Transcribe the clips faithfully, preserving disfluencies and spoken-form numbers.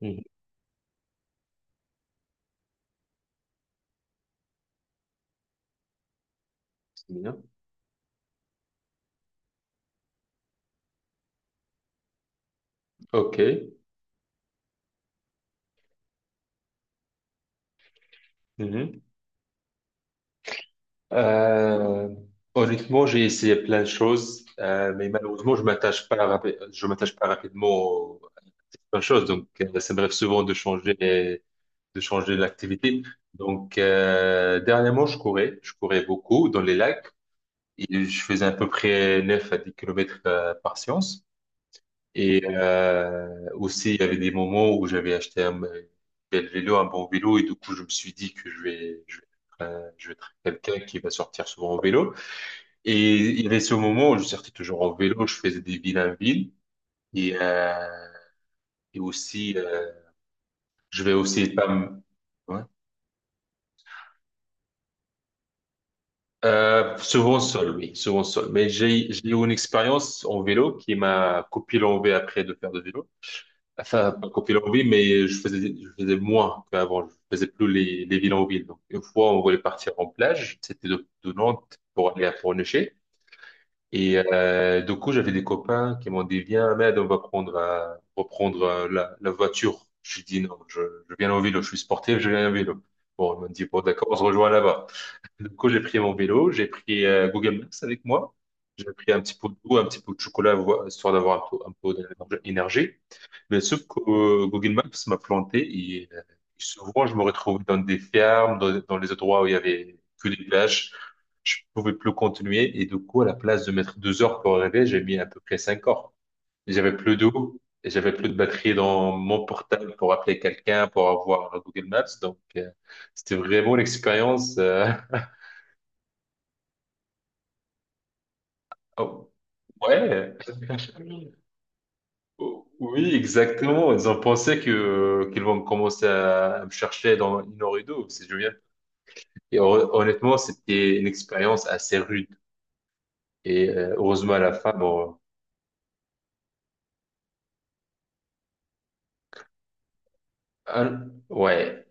Mhm. C'est bien. Ok. Mhm. Euh, Honnêtement, j'ai essayé plein de choses, euh, mais malheureusement, je m'attache pas rapi- je m'attache pas rapidement aux- à certaines choses. Donc, euh, ça me rêve souvent de changer, de changer l'activité. Donc, euh, dernièrement, je courais, je courais beaucoup dans les lacs et je faisais à peu près neuf à dix kilomètres euh, par séance. Et euh, aussi, il y avait des moments où j'avais acheté un euh, bel vélo, un bon vélo, et du coup, je me suis dit que je vais, je vais, être, euh, je vais être quelqu'un qui va sortir souvent en vélo. Et il y avait ce moment où je sortais toujours en vélo, je faisais des villes en ville, et, euh, et aussi, euh, je vais aussi pas me. Ouais. Euh, souvent seul, oui, souvent seul. Mais j'ai j'ai eu une expérience en vélo qui m'a copié l'envie après de faire de vélo. Enfin, pas qu'aux villes en ville, mais je faisais, je faisais moins qu'avant. Je faisais plus les, les villes en ville. Donc, une fois, on voulait partir en plage. C'était de, de Nantes pour aller à Pornichet. Et euh, du coup, j'avais des copains qui m'ont dit, viens, Ahmed, on va prendre, euh, reprendre euh, la, la voiture. Je dis, non, je, je viens en vélo. Je suis sportif, je viens en vélo. Bon, ils m'ont dit, bon, d'accord, on se rejoint là-bas. Du coup, j'ai pris mon vélo, j'ai pris euh, Google Maps avec moi. J'ai pris un petit pot d'eau, un petit peu de chocolat, vo- histoire d'avoir un peu, un peu d'énergie. Mais sauf que euh, Google Maps m'a planté et euh, souvent je me retrouvais dans des fermes, dans, dans les endroits où il y avait que des plages. Je pouvais plus continuer et du coup, à la place de mettre deux heures pour arriver, j'ai mis à peu près cinq heures. Et j'avais plus d'eau et j'avais plus de batterie dans mon portable pour appeler quelqu'un, pour avoir Google Maps. Donc, euh, c'était vraiment l'expérience. Euh... oh, ouais. Oh, oui, exactement. Ils ont pensé que qu'ils vont commencer à, à me chercher dans une heure et deux. Si je viens. Et hon- honnêtement, c'était une expérience assez rude. Et euh, heureusement, à la fin, bon, un- ouais.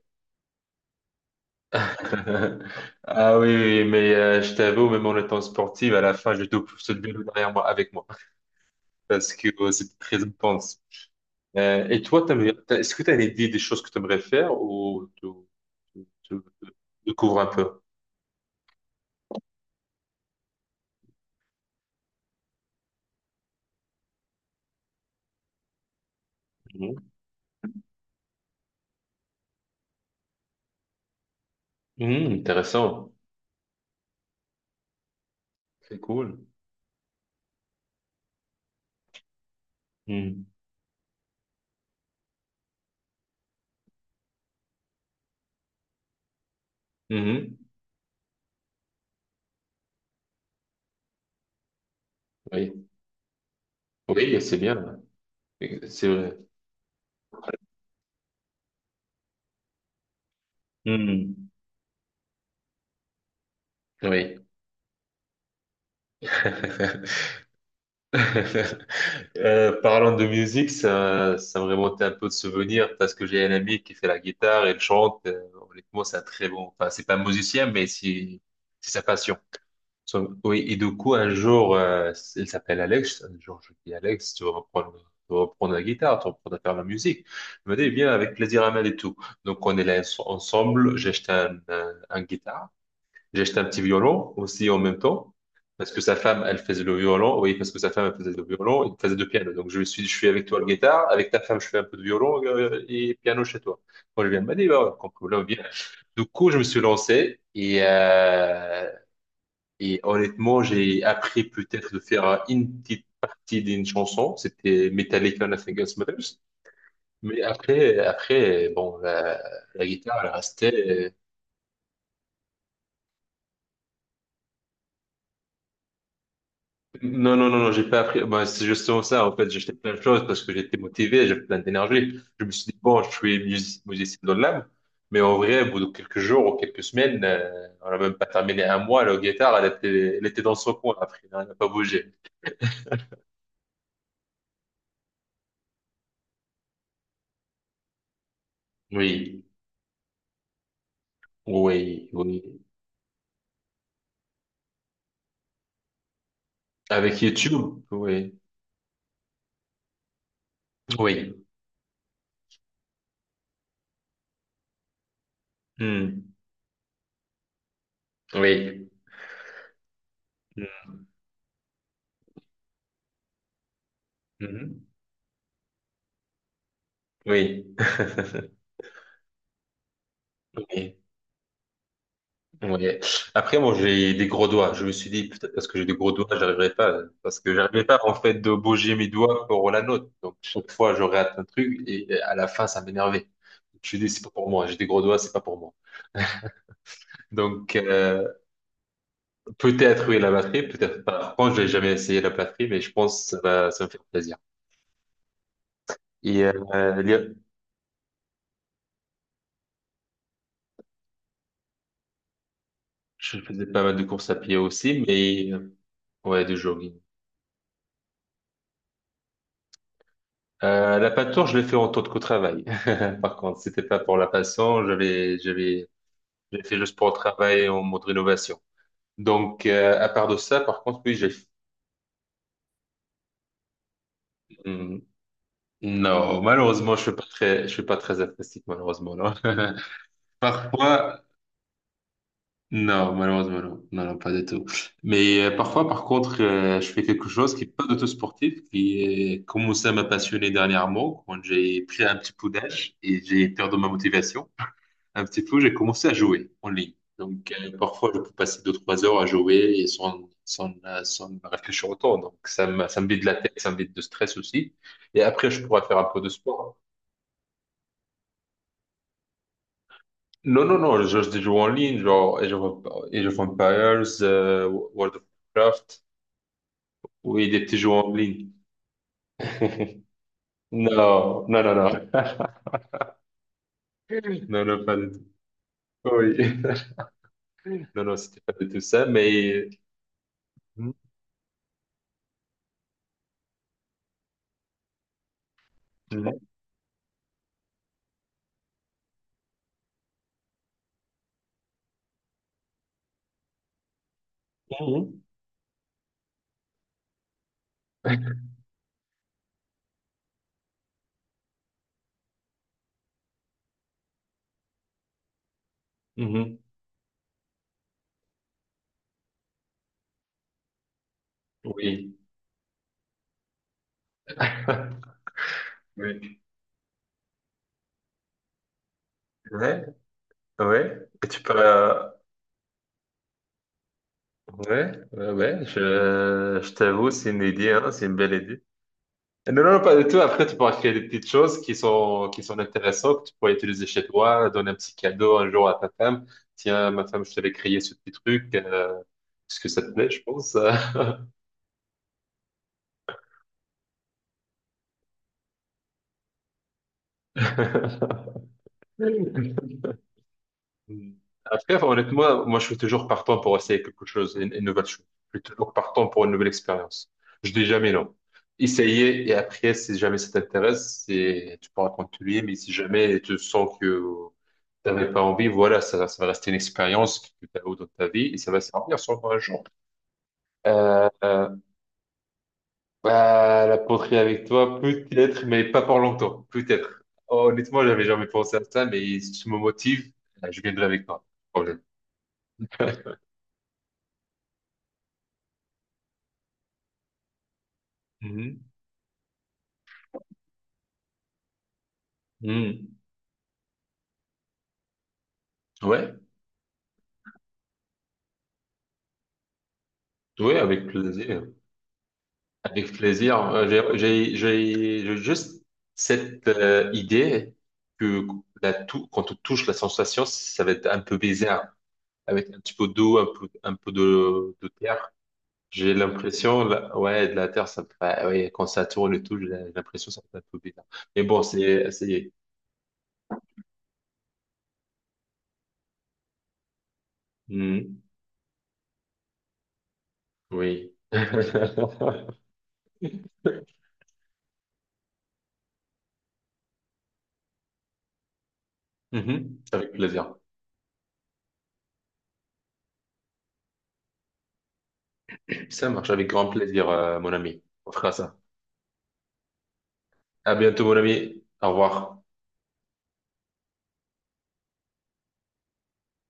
Ah oui, oui, oui, mais euh, je t'avoue, même en étant sportif, à la fin, je te pousse le vélo derrière moi, avec moi, parce que euh, c'était très intense. Euh, et toi, t'aimerais- t'as- est-ce que tu as une idée des choses que tu aimerais faire ou tu, tu, tu- tu découvres un peu? Mhm. Mhm, intéressant, c'est cool. Mhm. Mhm. Oui, oui, c'est bien, c'est vrai. Mhm. Oui. Euh, parlant de musique, ça, ça me remontait un peu de souvenirs parce que j'ai un ami qui fait la guitare, il chante. Euh, honnêtement, c'est un très bon. Enfin, c'est pas un musicien, mais c'est c'est sa passion. So- oui, et du coup, un jour, euh, il s'appelle Alex. Un jour, je dis Alex, tu veux reprendre, tu veux reprendre la guitare, tu veux reprendre à faire la musique. Il me dit, bien, avec plaisir, à main et tout. Donc, on est là ense- ensemble. J'ai acheté un, un, un guitare. J'ai acheté un petit violon aussi en même temps, parce que sa femme, elle faisait le violon. Oui, parce que sa femme, elle faisait le violon, il faisait le piano. Donc, je me suis dit, je suis avec toi le guitare, avec ta femme, je fais un peu de violon euh, et piano chez toi. Quand je viens, elle m'a dit, bah, aucun problème, viens. Du coup, je me suis lancé et, euh, et honnêtement, j'ai appris peut-être de faire une petite partie d'une chanson. C'était Metallica, Nothing Else Matters. Mais après, après, bon, la, la guitare, elle restait. euh, Non, non, non, non, j'ai pas appris. Ben, c'est justement ça. En fait, j'ai acheté plein de choses parce que j'étais motivé, j'avais plein d'énergie. Je me suis dit, bon, je suis music- musicien dans l'âme, mais en vrai, au bout de quelques jours ou quelques semaines, euh, on n'a même pas terminé un mois, la guitare, elle était, elle était dans son coin après, hein, elle n'a pas bougé. Oui, oui, oui. Avec YouTube, oui, oui. Hmm. Oui. Mhm. Oui. Oui. Ouais. Après, moi, j'ai des gros doigts. Je me suis dit, peut-être parce que j'ai des gros doigts, j'arriverai pas. Parce que j'arrivais pas, en fait, de bouger mes doigts pour la note. Donc, chaque fois, je rate un truc et à la fin, ça m'énervait. Je me suis dit, c'est pas pour moi. J'ai des gros doigts, c'est pas pour moi. Donc, euh, peut-être, oui, la batterie, peut-être pas. Par contre, j'ai jamais essayé la batterie, mais je pense que ça va, ça me fait plaisir. Et euh, les- je faisais pas mal de courses à pied aussi, mais euh, ouais, de jogging. Euh, la peinture, je l'ai fait en tant qu'au travail. Par contre, c'était pas pour la passion. J'avais, j'avais J'ai fait le sport travail en mode rénovation. Donc, euh, à part de ça, par contre, oui, j'ai. Hmm, non, malheureusement, je suis pas très, je suis pas très artistique, malheureusement, non. Parfois, non, malheureusement, non. Non, non, pas du tout. Mais euh, parfois, par contre, euh, je fais quelque chose qui est pas du tout sportif, qui est commencé à me passionner dernièrement, quand j'ai pris un petit coup d'âge et j'ai perdu ma motivation. Un petit peu, j'ai commencé à jouer en ligne. Donc, euh, parfois, je peux passer deux, trois heures à jouer et sans, sans, euh, sans réfléchir autant. Donc, ça me, ça me vide la tête, ça me vide de stress aussi. Et après, je pourrais faire un peu de sport. Non, non, non, je, je joue en ligne, genre Age of, Age of Empires, euh, World of Warcraft. Oui, des petits jeux en ligne. Non, non, non, non. Non, non, pas du tout. Oui. Non, non, c'était pas du tout ça, mais. Mhm. Mhm. Mhm. Oui. Oui. Ouais, et tu peux. euh, Ouais, ouais, ouais, je, je t'avoue, c'est une idée, hein, c'est une belle idée. Non, non, pas du tout. Après, tu pourras créer des petites choses qui sont, qui sont intéressantes, que tu pourras utiliser chez toi, donner un petit cadeau un jour à ta femme. Tiens, ma femme, je t'avais créé ce petit truc, euh, parce que ça te plaît, je pense. Mm. Après, honnêtement, moi, je suis toujours partant pour essayer quelque chose, une, une nouvelle chose. Je suis toujours partant pour une nouvelle expérience. Je dis jamais non. Essayer et après, si jamais ça t'intéresse, c'est, tu pourras continuer, mais si jamais tu sens que tu n'avais pas envie, voilà, ça, ça va rester une expérience que tu as eue dans ta vie et ça va servir sur un jour. Euh, euh, bah, la poterie avec toi, peut-être, mais pas pour longtemps, peut-être. Honnêtement, j'avais jamais pensé à ça, mais si tu me motives, je viendrai avec toi. Problème. Hmm. Ouais, ouais, avec plaisir. Avec plaisir. Euh, J'ai j'ai- j'ai- j'ai juste cette euh, idée que la tou- quand on touche la sensation, ça va être un peu bizarre, avec un petit peu d'eau, un peu, un peu de, de terre. J'ai l'impression, là, ouais, de la terre, ça me fait, ah ouais, quand ça tourne et tout, j'ai l'impression que ça fait un peu bizarre. Mais bon, c'est, c'est, Hmm. Oui. Mhm. Avec plaisir. Ça marche avec grand plaisir, euh, mon ami. On fera ça. À bientôt, mon ami. Au revoir.